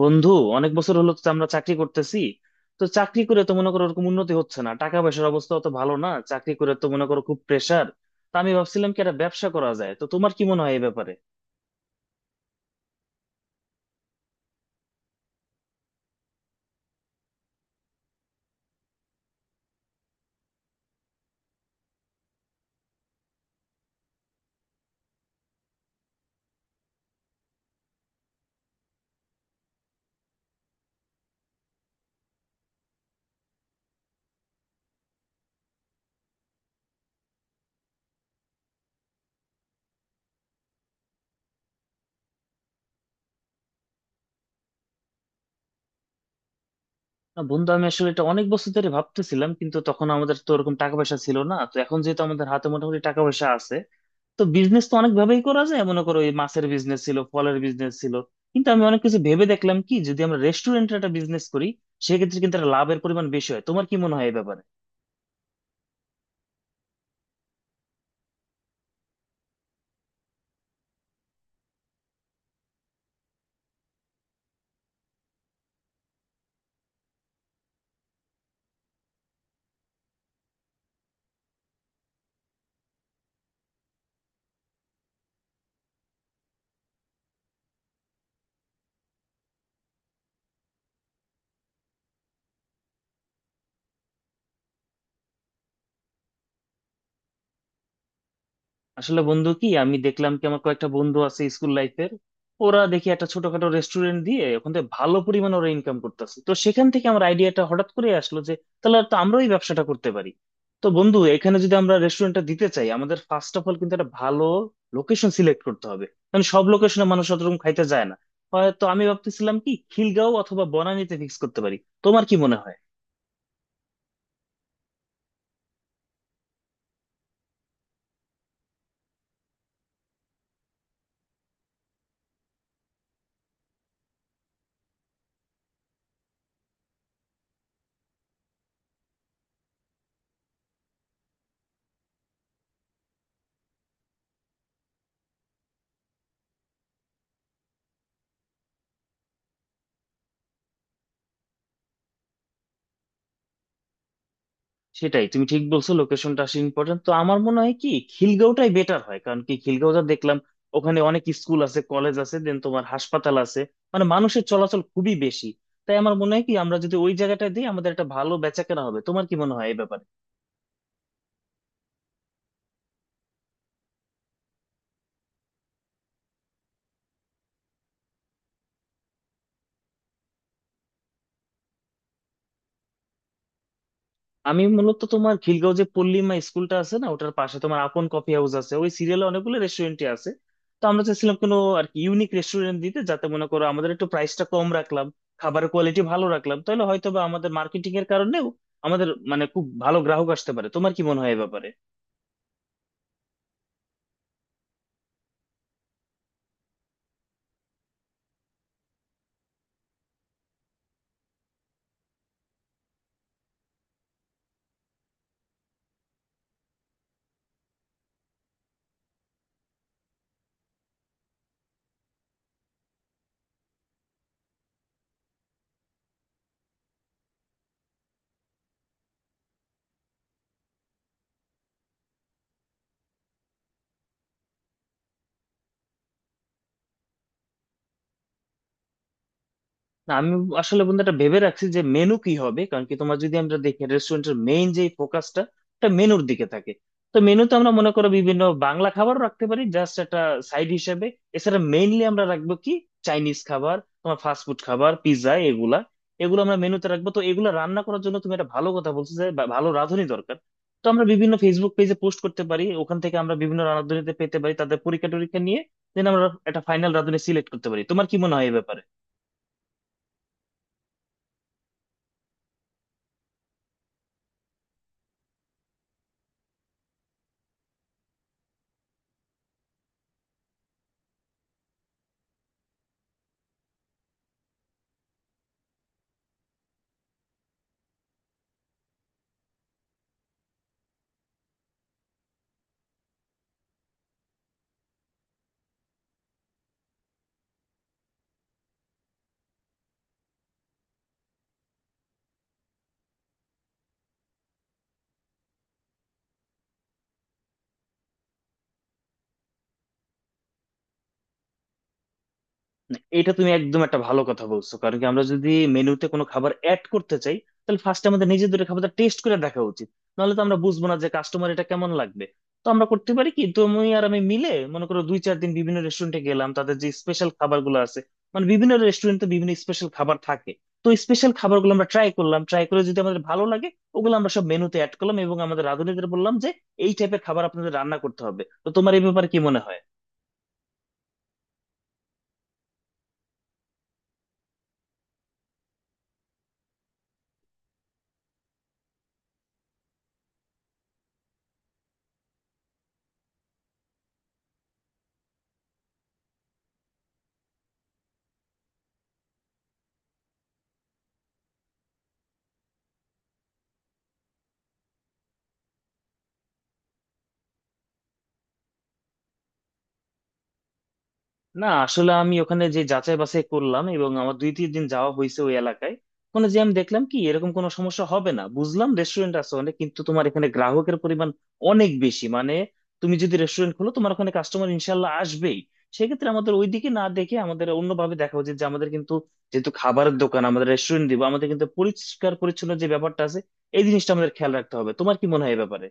বন্ধু, অনেক বছর হলো তো আমরা চাকরি করতেছি। তো চাকরি করে তো মনে করো ওরকম উন্নতি হচ্ছে না, টাকা পয়সার অবস্থা তো ভালো না, চাকরি করে তো মনে করো খুব প্রেসার। তা আমি ভাবছিলাম কি একটা ব্যবসা করা যায়, তো তোমার কি মনে হয় এই ব্যাপারে? না, বন্ধু, আমি আসলে এটা অনেক বছর ধরে ভাবতেছিলাম, কিন্তু তখন আমাদের তো ওরকম টাকা পয়সা ছিল না, তো এখন যেহেতু আমাদের হাতে মোটামুটি টাকা পয়সা আছে। তো বিজনেস তো অনেক ভাবেই করা যায়, মনে করো এই মাছের বিজনেস ছিল, ফলের বিজনেস ছিল, কিন্তু আমি অনেক কিছু ভেবে দেখলাম কি যদি আমরা রেস্টুরেন্টের একটা বিজনেস করি সেক্ষেত্রে কিন্তু একটা লাভের পরিমাণ বেশি হয়। তোমার কি মনে হয় এই ব্যাপারে? আসলে বন্ধু কি আমি দেখলাম কি আমার কয়েকটা বন্ধু আছে স্কুল লাইফের, ওরা দেখি একটা ছোটখাটো রেস্টুরেন্ট দিয়ে ওখান থেকে ভালো পরিমাণে ওরা ইনকাম করতেছে। তো সেখান থেকে আমার আইডিয়াটা হঠাৎ করে আসলো যে তাহলে তো আমরাও এই ব্যবসাটা করতে পারি। তো বন্ধু, এখানে যদি আমরা রেস্টুরেন্টটা দিতে চাই আমাদের ফার্স্ট অফ অল কিন্তু একটা ভালো লোকেশন সিলেক্ট করতে হবে, কারণ সব লোকেশনে মানুষ অতরকম খাইতে যায় না। হয়তো আমি ভাবতেছিলাম কি খিলগাঁও অথবা বনানীতে ফিক্স করতে পারি। তোমার কি মনে হয়? সেটাই, তুমি ঠিক বলছো, লোকেশনটা আসলে ইম্পর্টেন্ট। তো আমার মনে হয় কি খিলগাঁওটাই বেটার হয়, কারণ কি খিলগাঁওটা দেখলাম ওখানে অনেক স্কুল আছে, কলেজ আছে, দেন তোমার হাসপাতাল আছে, মানে মানুষের চলাচল খুবই বেশি। তাই আমার মনে হয় কি আমরা যদি ওই জায়গাটা দিই আমাদের একটা ভালো বেচাকেনা হবে। তোমার কি মনে হয় এই ব্যাপারে? আমি মূলত তোমার খিলগাঁও যে পল্লিমা স্কুলটা আছে না, ওটার পাশে তোমার আপন কফি হাউস আছে, ওই সিরিয়ালে অনেকগুলো রেস্টুরেন্টই আছে। তো আমরা চাইছিলাম কোনো আর কি ইউনিক রেস্টুরেন্ট দিতে, যাতে মনে করো আমাদের একটু প্রাইসটা কম রাখলাম, খাবারের কোয়ালিটি ভালো রাখলাম, তাহলে হয়তো বা আমাদের মার্কেটিং এর কারণেও আমাদের মানে খুব ভালো গ্রাহক আসতে পারে। তোমার কি মনে হয় এ ব্যাপারে? না, আমি আসলে বন্ধু এটা ভেবে রাখছি যে মেনু কি হবে, কারণ কি তোমার যদি আমরা দেখি রেস্টুরেন্টের মেইন যে ফোকাসটা, এটা মেনুর দিকে থাকে। তো মেনুতে আমরা মনে করো বিভিন্ন বাংলা খাবারও রাখতে পারি জাস্ট একটা সাইড হিসেবে। এছাড়া মেইনলি আমরা রাখবো কি চাইনিজ খাবার, তোমার ফাস্ট ফুড খাবার, পিৎজা, এগুলা এগুলো আমরা মেনুতে রাখবো। তো এগুলো রান্না করার জন্য তুমি একটা ভালো কথা বলছো যে ভালো রাঁধুনি দরকার। তো আমরা বিভিন্ন ফেসবুক পেজে পোস্ট করতে পারি, ওখান থেকে আমরা বিভিন্ন রাঁধুনিতে পেতে পারি তাদের পরীক্ষা টরীক্ষা নিয়ে, দেন আমরা একটা ফাইনাল রাঁধুনি সিলেক্ট করতে পারি। তোমার কি মনে হয় এই ব্যাপারে? এটা তুমি একদম একটা ভালো কথা বলছো, কারণ কি আমরা যদি মেনুতে কোনো খাবার অ্যাড করতে চাই তাহলে ফার্স্ট আমাদের নিজেদের খাবারটা টেস্ট করে দেখা উচিত, নাহলে তো আমরা বুঝবো না যে কাস্টমার এটা কেমন লাগবে। তো আমরা করতে পারি কি তুমি আর আমি মিলে মনে করো দুই চার দিন বিভিন্ন রেস্টুরেন্টে গেলাম, তাদের যে স্পেশাল খাবারগুলো আছে, মানে বিভিন্ন রেস্টুরেন্টে বিভিন্ন স্পেশাল খাবার থাকে, তো স্পেশাল খাবারগুলো আমরা ট্রাই করলাম, ট্রাই করে যদি আমাদের ভালো লাগে ওগুলো আমরা সব মেনুতে অ্যাড করলাম, এবং আমাদের রাঁধুনিদের বললাম যে এই টাইপের খাবার আপনাদের রান্না করতে হবে। তো তোমার এই ব্যাপারে কি মনে হয়? না, আসলে আমি ওখানে যে যাচাই বাছাই করলাম এবং আমার দুই তিন দিন যাওয়া হয়েছে ওই এলাকায়, ওখানে যে আমি দেখলাম কি এরকম কোনো সমস্যা হবে না। বুঝলাম রেস্টুরেন্ট আছে অনেক, কিন্তু তোমার এখানে গ্রাহকের পরিমাণ অনেক বেশি, মানে তুমি যদি রেস্টুরেন্ট খোলো তোমার ওখানে কাস্টমার ইনশাল্লাহ আসবেই। সেক্ষেত্রে আমাদের ওইদিকে না দেখে আমাদের অন্যভাবে দেখা উচিত যে আমাদের কিন্তু, যেহেতু খাবারের দোকান, আমাদের রেস্টুরেন্ট দিব, আমাদের কিন্তু পরিষ্কার পরিচ্ছন্ন যে ব্যাপারটা আছে এই জিনিসটা আমাদের খেয়াল রাখতে হবে। তোমার কি মনে হয় এই ব্যাপারে?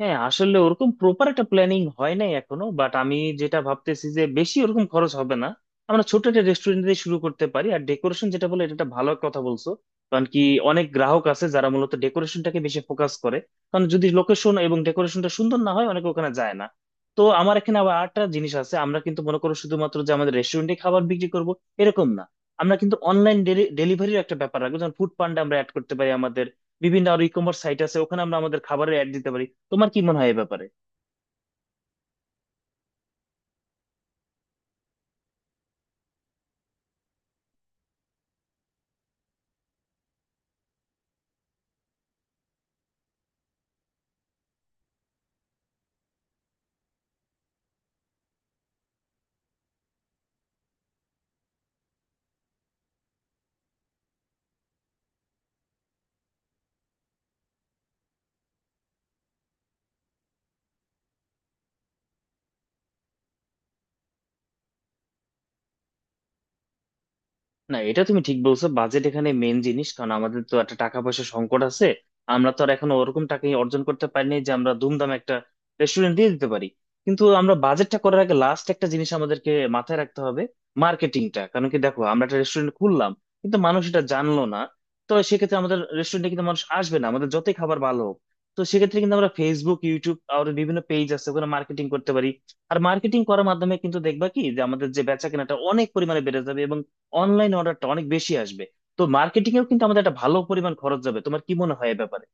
হ্যাঁ, আসলে ওরকম প্রপার একটা প্ল্যানিং হয় নাই এখনো, বাট আমি যেটা ভাবতেছি যে বেশি ওরকম খরচ হবে না। আমরা ছোট একটা রেস্টুরেন্ট দিয়ে শুরু করতে পারি। আর ডেকোরেশন যেটা বলে, এটা একটা ভালো কথা বলছো, কারণ কি অনেক গ্রাহক আছে যারা মূলত ডেকোরেশনটাকে বেশি ফোকাস করে। কারণ যদি লোকেশন এবং ডেকোরেশনটা সুন্দর না হয় অনেকে ওখানে যায় না। তো আমার এখানে আবার আরেকটা জিনিস আছে, আমরা কিন্তু মনে করো শুধুমাত্র যে আমাদের রেস্টুরেন্টে খাবার বিক্রি করব এরকম না, আমরা কিন্তু অনলাইন ডেলিভারির একটা ব্যাপার রাখবো, যেমন ফুড পান্ডা আমরা অ্যাড করতে পারি আমাদের। বিভিন্ন আর ই কমার্স সাইট আছে ওখানে আমরা আমাদের খাবারের অ্যাড দিতে পারি। তোমার কি মনে হয় এ ব্যাপারে? না, এটা তুমি ঠিক বলছো, বাজেট এখানে মেইন জিনিস, কারণ আমাদের তো একটা টাকা পয়সা সংকট আছে। আমরা তো আর এখন ওরকম টাকা অর্জন করতে পারিনি যে আমরা ধুমধাম একটা রেস্টুরেন্ট দিয়ে দিতে পারি। কিন্তু আমরা বাজেটটা করার আগে লাস্ট একটা জিনিস আমাদেরকে মাথায় রাখতে হবে, মার্কেটিংটা, কারণ কি দেখো আমরা একটা রেস্টুরেন্ট খুললাম কিন্তু মানুষ এটা জানলো না, তো সেক্ষেত্রে আমাদের রেস্টুরেন্টে কিন্তু মানুষ আসবে না আমাদের যতই খাবার ভালো হোক। তো সেক্ষেত্রে কিন্তু আমরা ফেসবুক, ইউটিউব আর বিভিন্ন পেজ আছে ওখানে মার্কেটিং করতে পারি। আর মার্কেটিং করার মাধ্যমে কিন্তু দেখবা কি যে আমাদের যে বেচা কেনাটা অনেক পরিমাণে বেড়ে যাবে, অনলাইন অর্ডারটা অনেক বেশি আসবে। তো মার্কেটিং এও কিন্তু আমাদের একটা ভালো পরিমাণ খরচ যাবে। তোমার কি মনে হয় এ ব্যাপারে?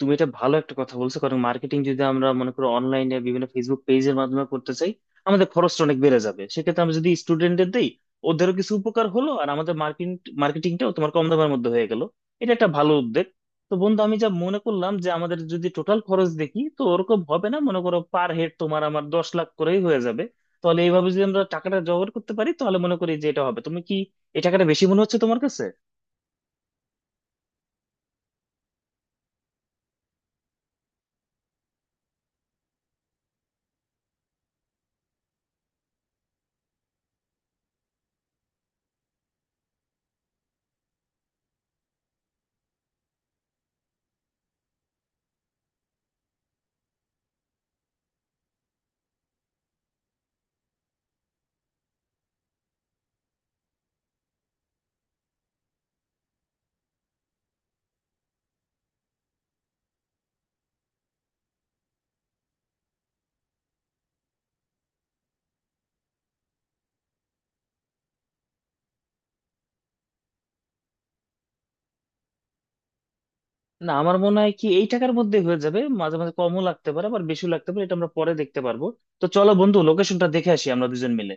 তুমি এটা ভালো একটা কথা বলছো, কারণ মার্কেটিং যদি আমরা মনে করো অনলাইনে বিভিন্ন ফেসবুক পেজের মাধ্যমে করতে চাই আমাদের খরচটা অনেক বেড়ে যাবে। সেক্ষেত্রে আমরা যদি স্টুডেন্টদের দিই ওদেরও কিছু উপকার হলো আর আমাদের মার্কেটিংটাও তোমার কম দামের মধ্যে হয়ে গেল। এটা একটা ভালো উদ্যোগ। তো বন্ধু, আমি যা মনে করলাম যে আমাদের যদি টোটাল খরচ দেখি তো ওরকম হবে না, মনে করো পার হেড তোমার আমার 10 লাখ করেই হয়ে যাবে। তাহলে এইভাবে যদি আমরা টাকাটা জোগাড় করতে পারি তাহলে মনে করি যে এটা হবে। তুমি কি এই টাকাটা বেশি মনে হচ্ছে তোমার কাছে? না, আমার মনে হয় কি এই টাকার মধ্যে হয়ে যাবে, মাঝে মাঝে কমও লাগতে পারে আবার বেশিও লাগতে পারে, এটা আমরা পরে দেখতে পারবো। তো চলো বন্ধু, লোকেশনটা দেখে আসি আমরা দুজন মিলে।